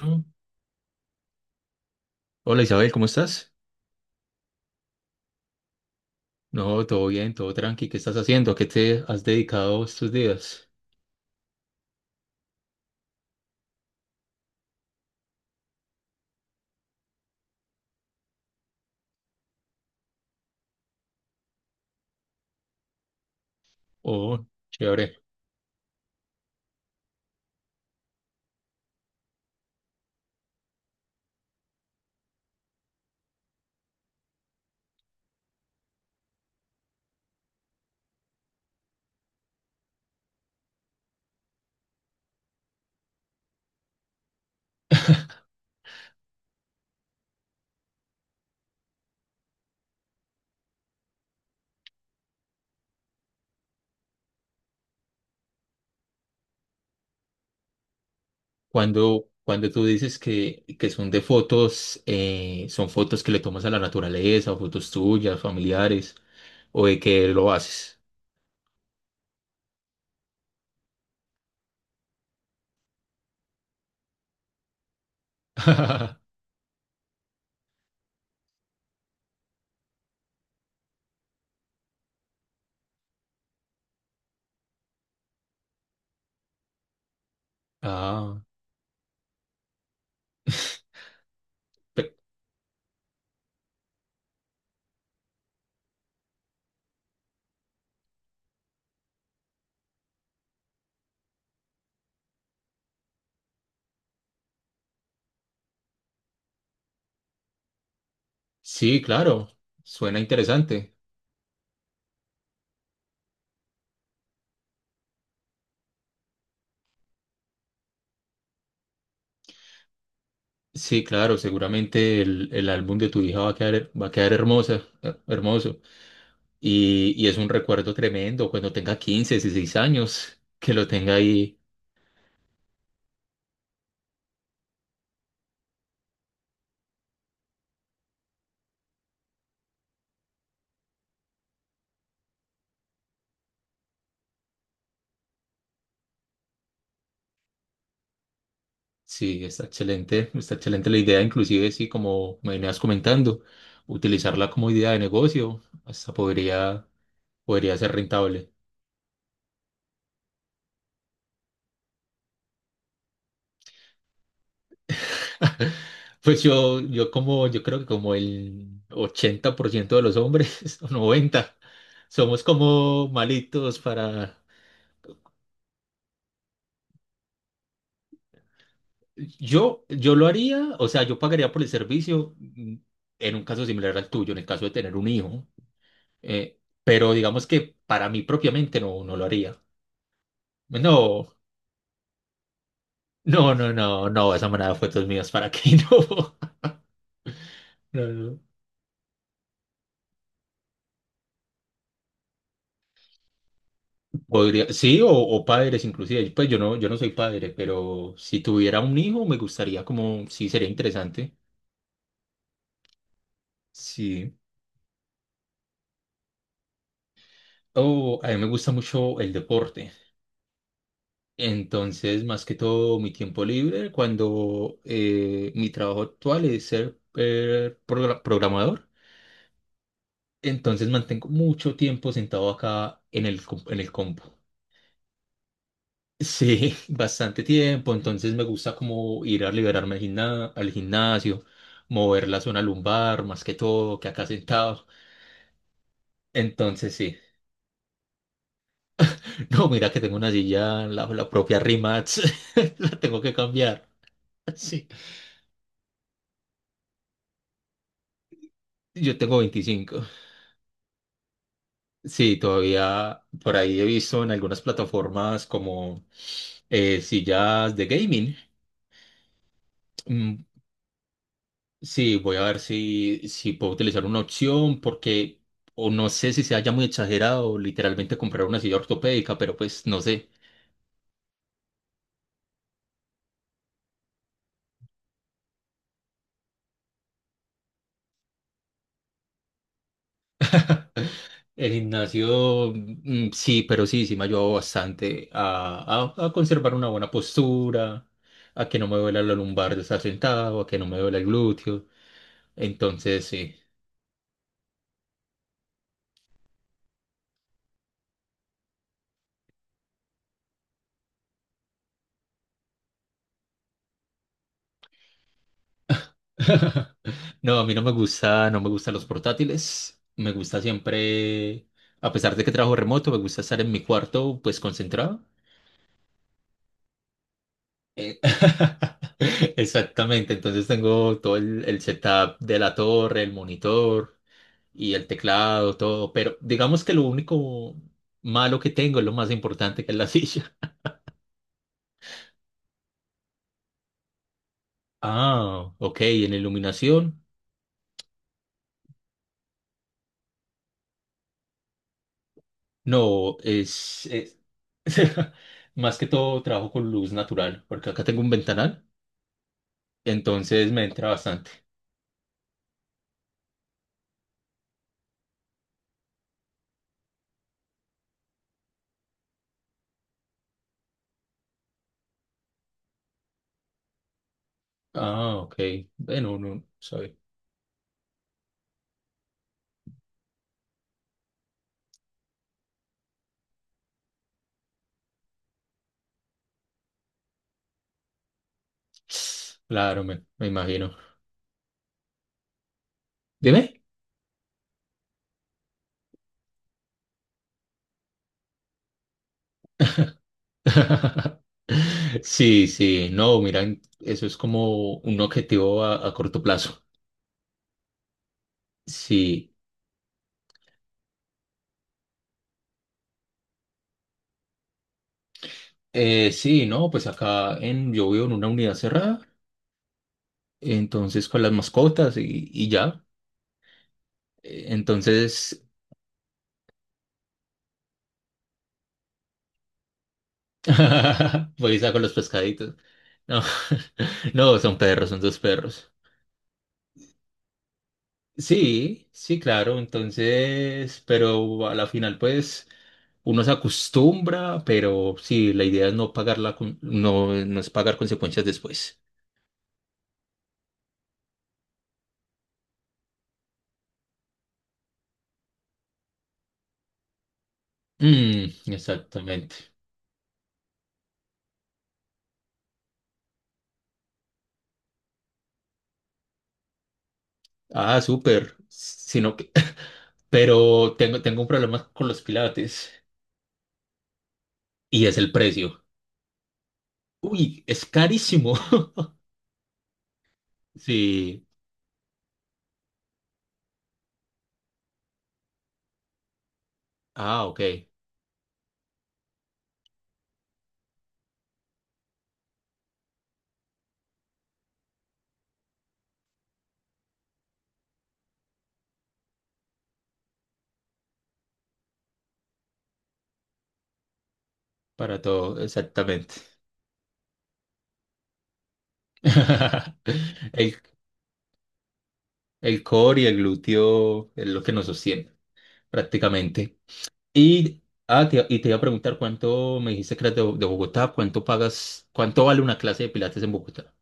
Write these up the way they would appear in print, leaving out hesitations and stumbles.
Mm. Hola Isabel, ¿cómo estás? No, todo bien, todo tranqui. ¿Qué estás haciendo? ¿A qué te has dedicado estos días? Oh, chévere. Cuando tú dices que son de fotos, ¿son fotos que le tomas a la naturaleza, o fotos tuyas, familiares, o de que lo haces? Ah, pe- sí, claro, suena interesante. Sí, claro, seguramente el álbum de tu hija va a quedar hermosa, hermoso. Y es un recuerdo tremendo cuando tenga 15, 16 años, que lo tenga ahí. Sí, está excelente la idea, inclusive, sí, como me venías comentando, utilizarla como idea de negocio, hasta podría, podría ser rentable. Pues yo como, yo creo que como el 80% de los hombres, o 90 somos como malitos para... Yo lo haría, o sea, yo pagaría por el servicio en un caso similar al tuyo, en el caso de tener un hijo, eh, pero digamos que para mí propiamente no, no lo haría. No, no, no, no, no, esa manada de fotos mías, ¿para qué no? No, no. Podría, sí, o padres inclusive, pues yo no, yo no soy padre, pero si tuviera un hijo me gustaría como, sí, sería interesante, sí. O a mí me gusta mucho el deporte. Entonces, más que todo, mi tiempo libre, cuando mi trabajo actual es ser programador, entonces mantengo mucho tiempo sentado acá en en el compu. Sí, bastante tiempo, entonces me gusta como ir a liberarme al al gimnasio, mover la zona lumbar, más que todo, que acá sentado. Entonces, sí. No, mira que tengo una silla, la propia Rimax, la tengo que cambiar. Sí, yo tengo 25. Sí, todavía por ahí he visto en algunas plataformas como sillas de gaming. Mm, sí, voy a ver si, si puedo utilizar una opción porque o no sé si sea ya muy exagerado literalmente comprar una silla ortopédica, pero pues no sé. El gimnasio, mm, sí, pero sí, sí me ha ayudado bastante a conservar una buena postura, a que no me duela la lumbar de estar sentado, a que no me duela el glúteo. Entonces, sí. No, a mí no me gusta, no me gustan los portátiles. Me gusta siempre, a pesar de que trabajo remoto, me gusta estar en mi cuarto, pues concentrado. Eh, Exactamente, entonces tengo todo el setup de la torre, el monitor y el teclado, todo, pero digamos que lo único malo que tengo es lo más importante que es la silla. Ah, ok, en iluminación. No, más que todo trabajo con luz natural, porque acá tengo un ventanal, entonces me entra bastante. Ah, ok. Bueno, no, sabe. Claro, me imagino. Dime. Sí, sí, no, mira, eso es como un objetivo a corto plazo. Sí, sí, no, pues acá en, yo vivo en una unidad cerrada, entonces con las mascotas y ya. Eh, Entonces, Voy y saco los pescaditos. No, no, son perros, son dos perros. Sí, sí, claro, entonces, pero a la final, pues, uno se acostumbra, pero sí, la idea es no pagar la, no, no es pagar consecuencias después. Mm, exactamente. Ah, súper. Sino que, pero tengo, tengo un problema con los pilates y es el precio. Uy, es carísimo. Sí. Ah, ok. Para todo, exactamente. El, el core y el glúteo es lo que nos sostiene, prácticamente. Y, ah, y te iba a preguntar, cuánto me dijiste que eras de Bogotá, cuánto pagas, cuánto vale una clase de pilates en Bogotá.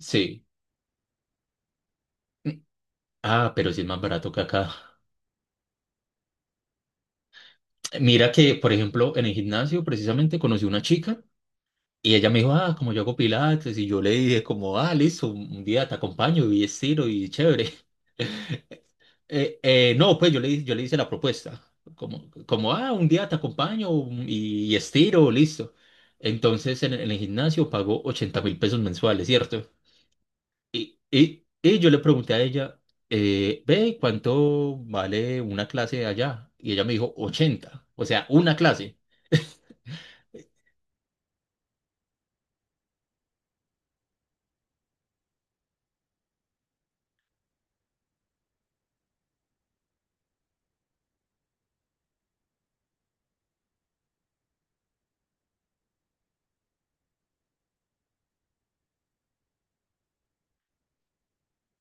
Sí. Ah, pero sí es más barato que acá. Mira que, por ejemplo, en el gimnasio precisamente conocí una chica y ella me dijo, ah, como yo hago pilates, y yo le dije como, ah, listo, un día te acompaño y estiro y chévere. No, pues yo le hice la propuesta, como, como, ah, un día te acompaño y estiro, listo. Entonces en el gimnasio pagó $80.000 mensuales, ¿cierto? Y yo le pregunté a ella, ve, ¿cuánto vale una clase allá? Y ella me dijo, ochenta, o sea, una clase.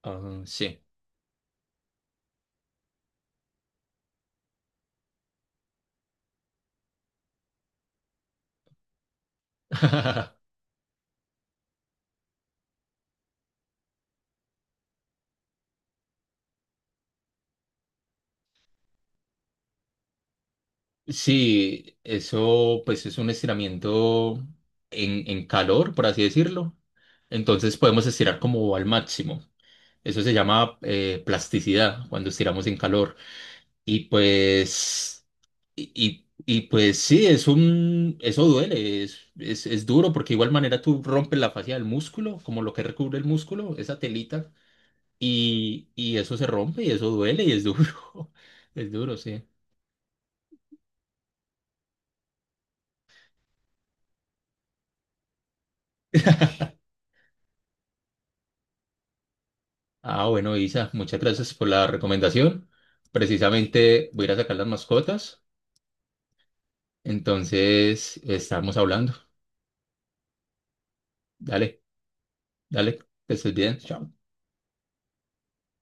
Ah, sí. Sí, eso pues es un estiramiento en calor, por así decirlo. Entonces podemos estirar como al máximo. Eso se llama plasticidad cuando estiramos en calor. Y pues, pues sí, es un, eso duele, es duro porque de igual manera tú rompes la fascia del músculo, como lo que recubre el músculo, esa telita, y eso se rompe y eso duele y es duro. Es duro, sí. Ah, bueno, Isa, muchas gracias por la recomendación. Precisamente voy a ir a sacar las mascotas, entonces estamos hablando. Dale, dale, que estés bien. Chao.